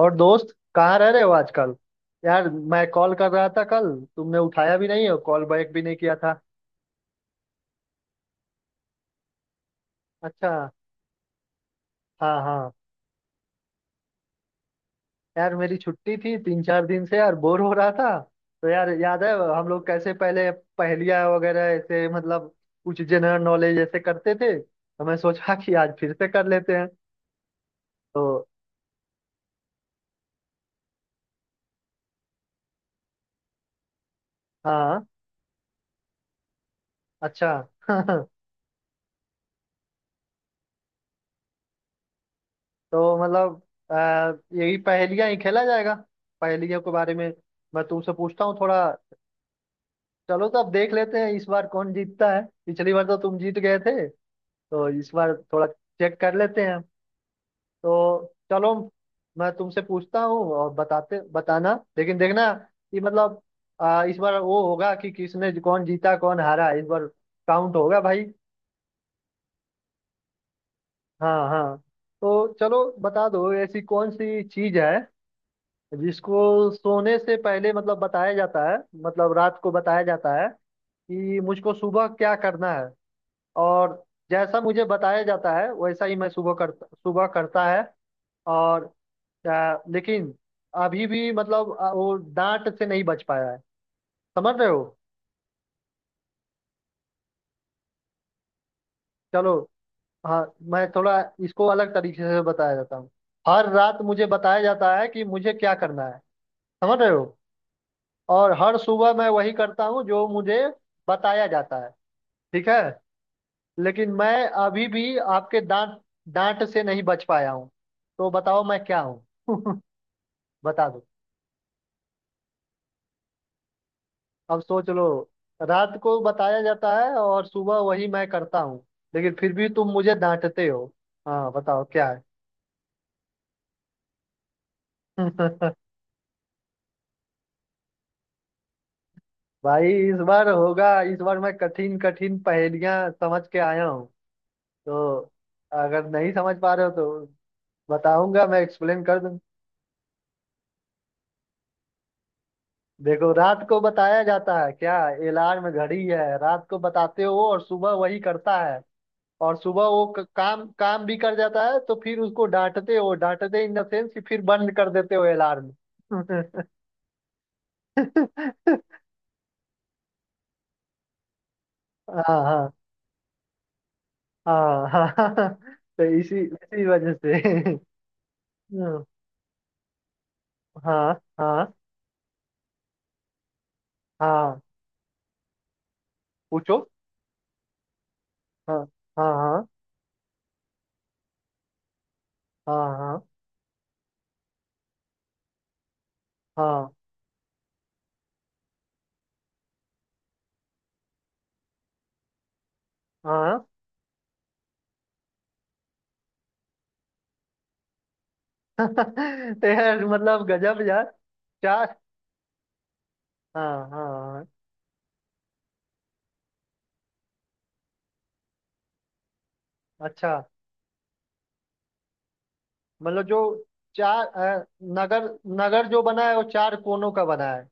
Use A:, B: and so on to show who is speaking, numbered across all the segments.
A: और दोस्त कहाँ रह रहे हो आजकल। यार मैं कॉल कर रहा था कल। तुमने उठाया भी नहीं और कॉल बैक भी नहीं किया था। अच्छा। हाँ हाँ। यार मेरी छुट्टी थी, 3-4 दिन से यार बोर हो रहा था। तो यार याद है हम लोग कैसे पहले पहेलियाँ वगैरह, ऐसे मतलब कुछ जनरल नॉलेज ऐसे करते थे? तो मैं सोचा कि आज फिर से कर लेते हैं। तो हाँ। अच्छा तो मतलब यही पहेलियाँ ही खेला जाएगा। पहेलियों के बारे में मैं तुमसे पूछता हूँ थोड़ा। चलो, तो अब देख लेते हैं इस बार कौन जीतता है। पिछली बार तो तुम जीत गए थे, तो इस बार थोड़ा चेक कर लेते हैं। तो चलो, मैं तुमसे पूछता हूँ और बताते, बताना लेकिन देखना कि मतलब इस बार वो होगा कि किसने, कौन जीता कौन हारा इस बार काउंट होगा भाई। हाँ हाँ। तो चलो बता दो, ऐसी कौन सी चीज है जिसको सोने से पहले, मतलब बताया जाता है, मतलब रात को बताया जाता है कि मुझको सुबह क्या करना है। और जैसा मुझे बताया जाता है वैसा ही मैं सुबह करता, सुबह करता है। और लेकिन अभी भी मतलब वो डांट से नहीं बच पाया है। समझ रहे हो? चलो। हाँ, मैं थोड़ा इसको अलग तरीके से बताया जाता हूँ। हर रात मुझे बताया जाता है कि मुझे क्या करना है। समझ रहे हो? और हर सुबह मैं वही करता हूँ जो मुझे बताया जाता है। ठीक है। लेकिन मैं अभी भी आपके डांट, डांट से नहीं बच पाया हूँ। तो बताओ मैं क्या हूँ? बता दो। अब सोच लो, रात को बताया जाता है और सुबह वही मैं करता हूँ, लेकिन फिर भी तुम मुझे डांटते हो। हाँ बताओ क्या है? भाई इस बार होगा। इस बार मैं कठिन कठिन पहेलियां समझ के आया हूँ। तो अगर नहीं समझ पा रहे हो तो बताऊंगा, मैं एक्सप्लेन कर दूं। देखो, रात को बताया जाता है क्या? अलार्म घड़ी है। रात को बताते हो और सुबह वही करता है, और सुबह वो क- काम काम भी कर जाता है, तो फिर उसको डांटते हो। डांटते इन द सेंस कि फिर बंद कर देते हो अलार्म। हाँ हाँ हाँ हाँ। तो इसी इसी वजह से। हम्म। हाँ हाँ हाँ। पूछो। हाँ हाँ हाँ हाँ हाँ हाँ हाँ। तो यार मतलब गजब यार। चार। हाँ हाँ हाँ। अच्छा। मतलब जो चार नगर, नगर जो बना है वो चार कोनों का बना है।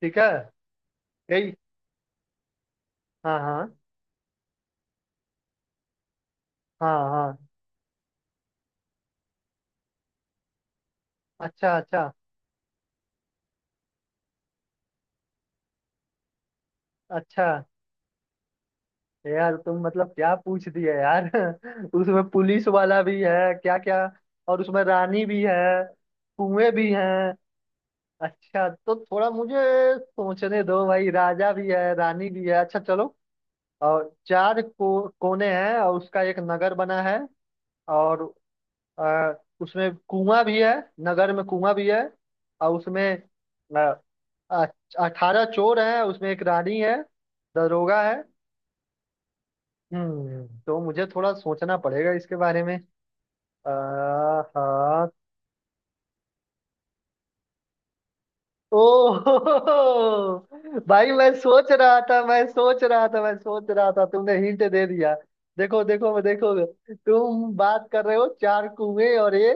A: ठीक है। यही। हाँ हाँ। हाँ हाँ। अच्छा अच्छा। अच्छा यार, तुम मतलब क्या पूछ दिया यार। उसमें पुलिस वाला भी है क्या क्या? और उसमें रानी भी है। कुएं भी हैं। अच्छा, तो थोड़ा मुझे सोचने दो भाई। राजा भी है, रानी भी है। अच्छा चलो, और चार को, कोने हैं और उसका एक नगर बना है। और आ, उसमें कुआं भी है, नगर में कुआं भी है। और उसमें 18 चोर हैं, उसमें एक रानी है, दरोगा है। हम्म, तो मुझे थोड़ा सोचना पड़ेगा इसके बारे में। आ, हाँ। ओ भाई, मैं सोच रहा था, मैं सोच रहा था, मैं सोच रहा था, तुमने हिंट दे दिया। देखो देखो देखो, तुम बात कर रहे हो चार कुएं और ये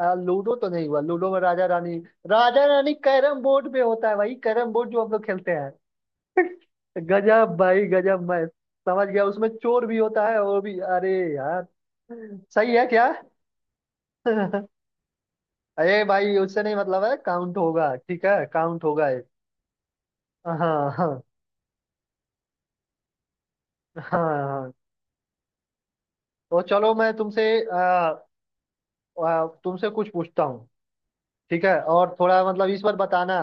A: लूडो तो नहीं हुआ। लूडो में राजा रानी, राजा रानी कैरम बोर्ड पे होता है भाई। कैरम बोर्ड जो हम लोग खेलते हैं। गजब भाई गजब, मैं समझ गया। उसमें चोर भी होता है और भी, अरे यार। सही है क्या? अरे भाई उससे नहीं मतलब है, काउंट होगा, ठीक है काउंट होगा ये। हाँ हाँ हाँ हाँ। तो चलो मैं तुमसे तुमसे कुछ पूछता हूँ। ठीक है? और थोड़ा मतलब इस बार बताना।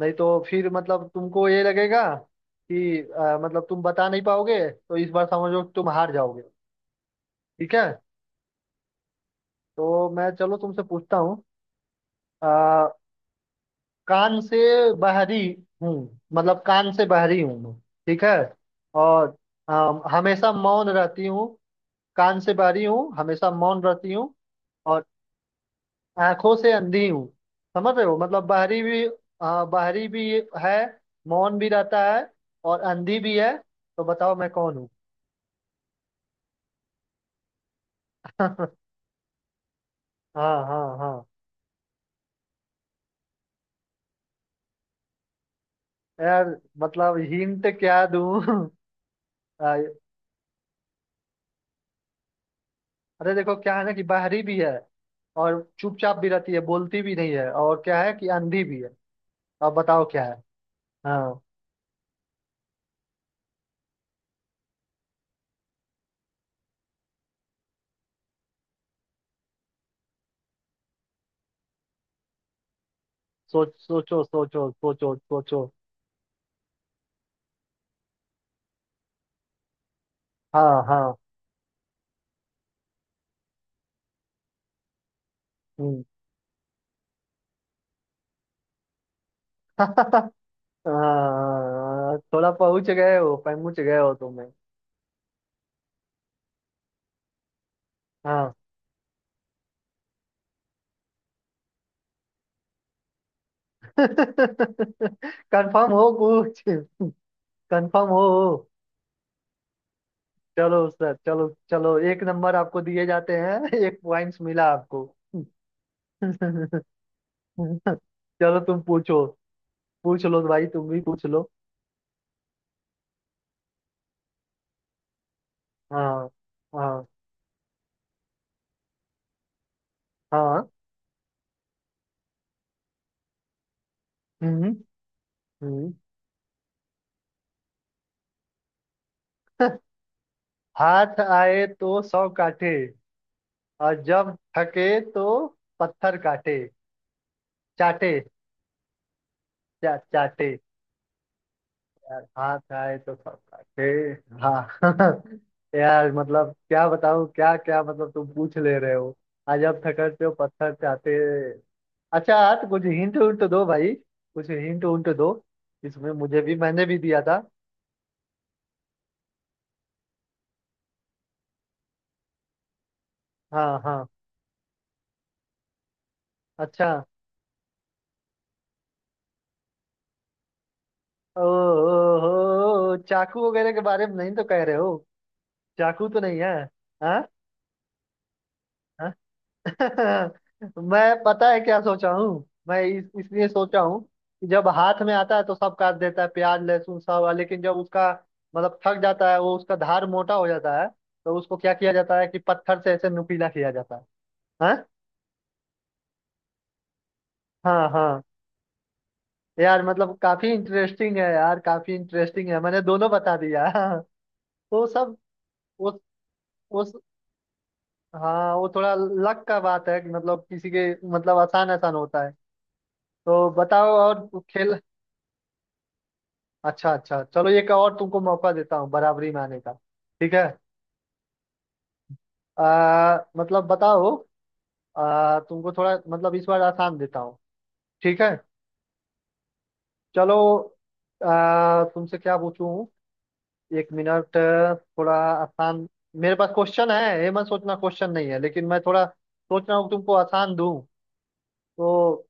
A: नहीं तो फिर मतलब तुमको ये लगेगा कि मतलब तुम बता नहीं पाओगे, तो इस बार समझो कि तुम हार जाओगे। ठीक है, तो मैं चलो तुमसे पूछता हूँ। अ, कान से बहरी हूँ, मतलब कान से बहरी हूँ मैं। ठीक है? और अ, हमेशा मौन रहती हूँ। कान से बहरी हूँ, हमेशा मौन रहती हूँ। और आंखों से अंधी हूँ। समझ रहे हो? मतलब बाहरी भी, बाहरी भी है, मौन भी रहता है, और अंधी भी है। तो बताओ मैं कौन हूँ? हाँ हाँ हाँ। यार मतलब हिंट क्या दूँ? आ, अरे देखो क्या है ना, कि बाहरी भी है और चुपचाप भी रहती है, बोलती भी नहीं है, और क्या है कि अंधी भी है। अब बताओ क्या है? हाँ। सोच, सोचो सोचो सोचो सोचो। हाँ हाँ। हम्म। हाँ, हाँ, थोड़ा पहुंच गए हो, पहुंच गए हो तुम्हें। कंफर्म हो कुछ? कंफर्म हो? चलो सर, चलो चलो, एक नंबर आपको दिए जाते हैं। एक पॉइंट्स मिला आपको। चलो तुम पूछो। पूछ लो भाई, तुम भी पूछ लो। हाँ हाँ हाँ। हम्म हम्म। हाथ आए तो 100 काटे, और जब थके तो पत्थर काटे, चाटे, चाटे। हाँ, खाए तो सब खाते। हाँ यार मतलब क्या बताऊँ, क्या क्या मतलब तुम पूछ ले रहे हो। आज आप थकड़ते हो, पत्थर चाहते। अच्छा यार, कुछ हिंट उंट दो भाई, कुछ हिंट उंट दो। इसमें मुझे भी, मैंने भी दिया था। हाँ हाँ। अच्छा। ओ, हो, चाकू वगैरह के बारे में नहीं तो कह रहे हो? चाकू तो नहीं है। हाँ। हाँ? मैं पता है क्या सोचा हूँ, मैं इसलिए सोचा हूँ कि जब हाथ में आता है तो सब काट देता है, प्याज लहसुन सब। लेकिन जब उसका मतलब थक जाता है वो, उसका धार मोटा हो जाता है, तो उसको क्या किया जाता है कि पत्थर से ऐसे नुकीला किया जाता है। हाँ हाँ हाँ। यार मतलब काफी इंटरेस्टिंग है यार, काफी इंटरेस्टिंग है, मैंने दोनों बता दिया। तो सब, उस उस, हाँ वो थोड़ा लक का बात है कि मतलब किसी के मतलब आसान आसान होता है। तो बताओ और खेल। अच्छा अच्छा चलो, एक और तुमको मौका देता हूँ बराबरी में आने का। ठीक है, मतलब बताओ। तुमको थोड़ा मतलब इस बार आसान देता हूँ। ठीक है? चलो। तुमसे क्या पूछूं, एक मिनट, थोड़ा आसान। मेरे पास क्वेश्चन है, ये मत सोचना क्वेश्चन नहीं है, लेकिन मैं थोड़ा सोच रहा हूँ तुमको आसान दूं। तो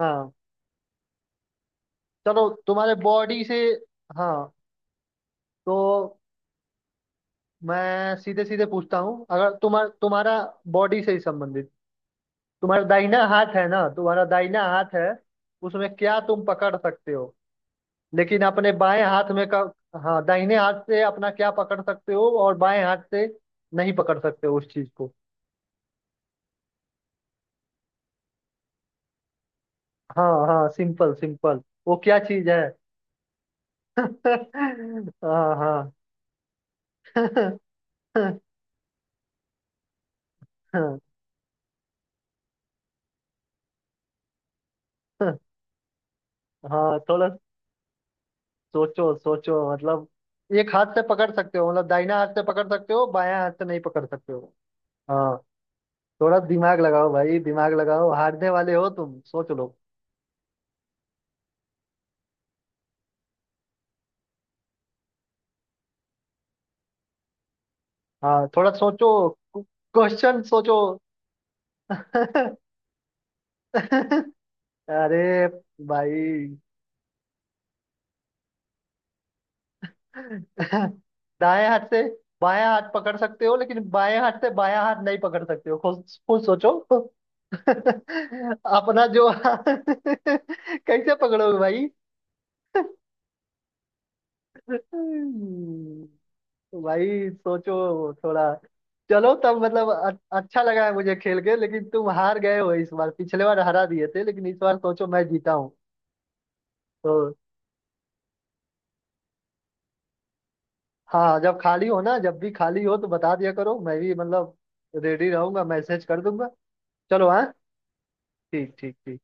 A: हाँ, चलो तुम्हारे बॉडी से। हाँ, तो मैं सीधे सीधे पूछता हूँ। अगर तुम्हारा, तुम्हारा बॉडी से ही संबंधित, तुम्हारा दाहिना हाथ है ना, तुम्हारा दाहिना हाथ है, उसमें क्या तुम पकड़ सकते हो लेकिन अपने बाएं हाथ में का, हाँ, दाहिने हाथ से अपना क्या पकड़ सकते हो, और बाएं हाथ से नहीं पकड़ सकते हो उस चीज को? हाँ हाँ सिंपल सिंपल। वो क्या चीज है? हाँ हाँ। हाँ, थोड़ा सोचो, सोचो मतलब एक हाथ से पकड़ सकते हो, मतलब दाहिना हाथ से पकड़ सकते हो, बायां हाथ से नहीं पकड़ सकते हो। हाँ। थोड़ा दिमाग लगाओ भाई, दिमाग लगाओ, हारने वाले हो तुम, सोच लो। हाँ, थोड़ा सोचो, क्वेश्चन सोचो। अरे भाई, दाएं हाथ से बायां हाथ पकड़ सकते हो, लेकिन बाएं हाथ से बायां हाथ नहीं पकड़ सकते हो। खुद, खुद सोचो। अपना जो कैसे पकड़ोगे? भाई, भाई सोचो थोड़ा। चलो, तब मतलब अच्छा लगा है मुझे खेल के, लेकिन तुम हार गए हो इस बार। पिछले बार हरा दिए थे लेकिन इस बार सोचो मैं जीता हूँ। तो हाँ, जब खाली हो ना, जब भी खाली हो तो बता दिया करो, मैं भी मतलब रेडी रहूंगा, मैसेज कर दूंगा। चलो, हाँ। ठीक, ठीक ठीक।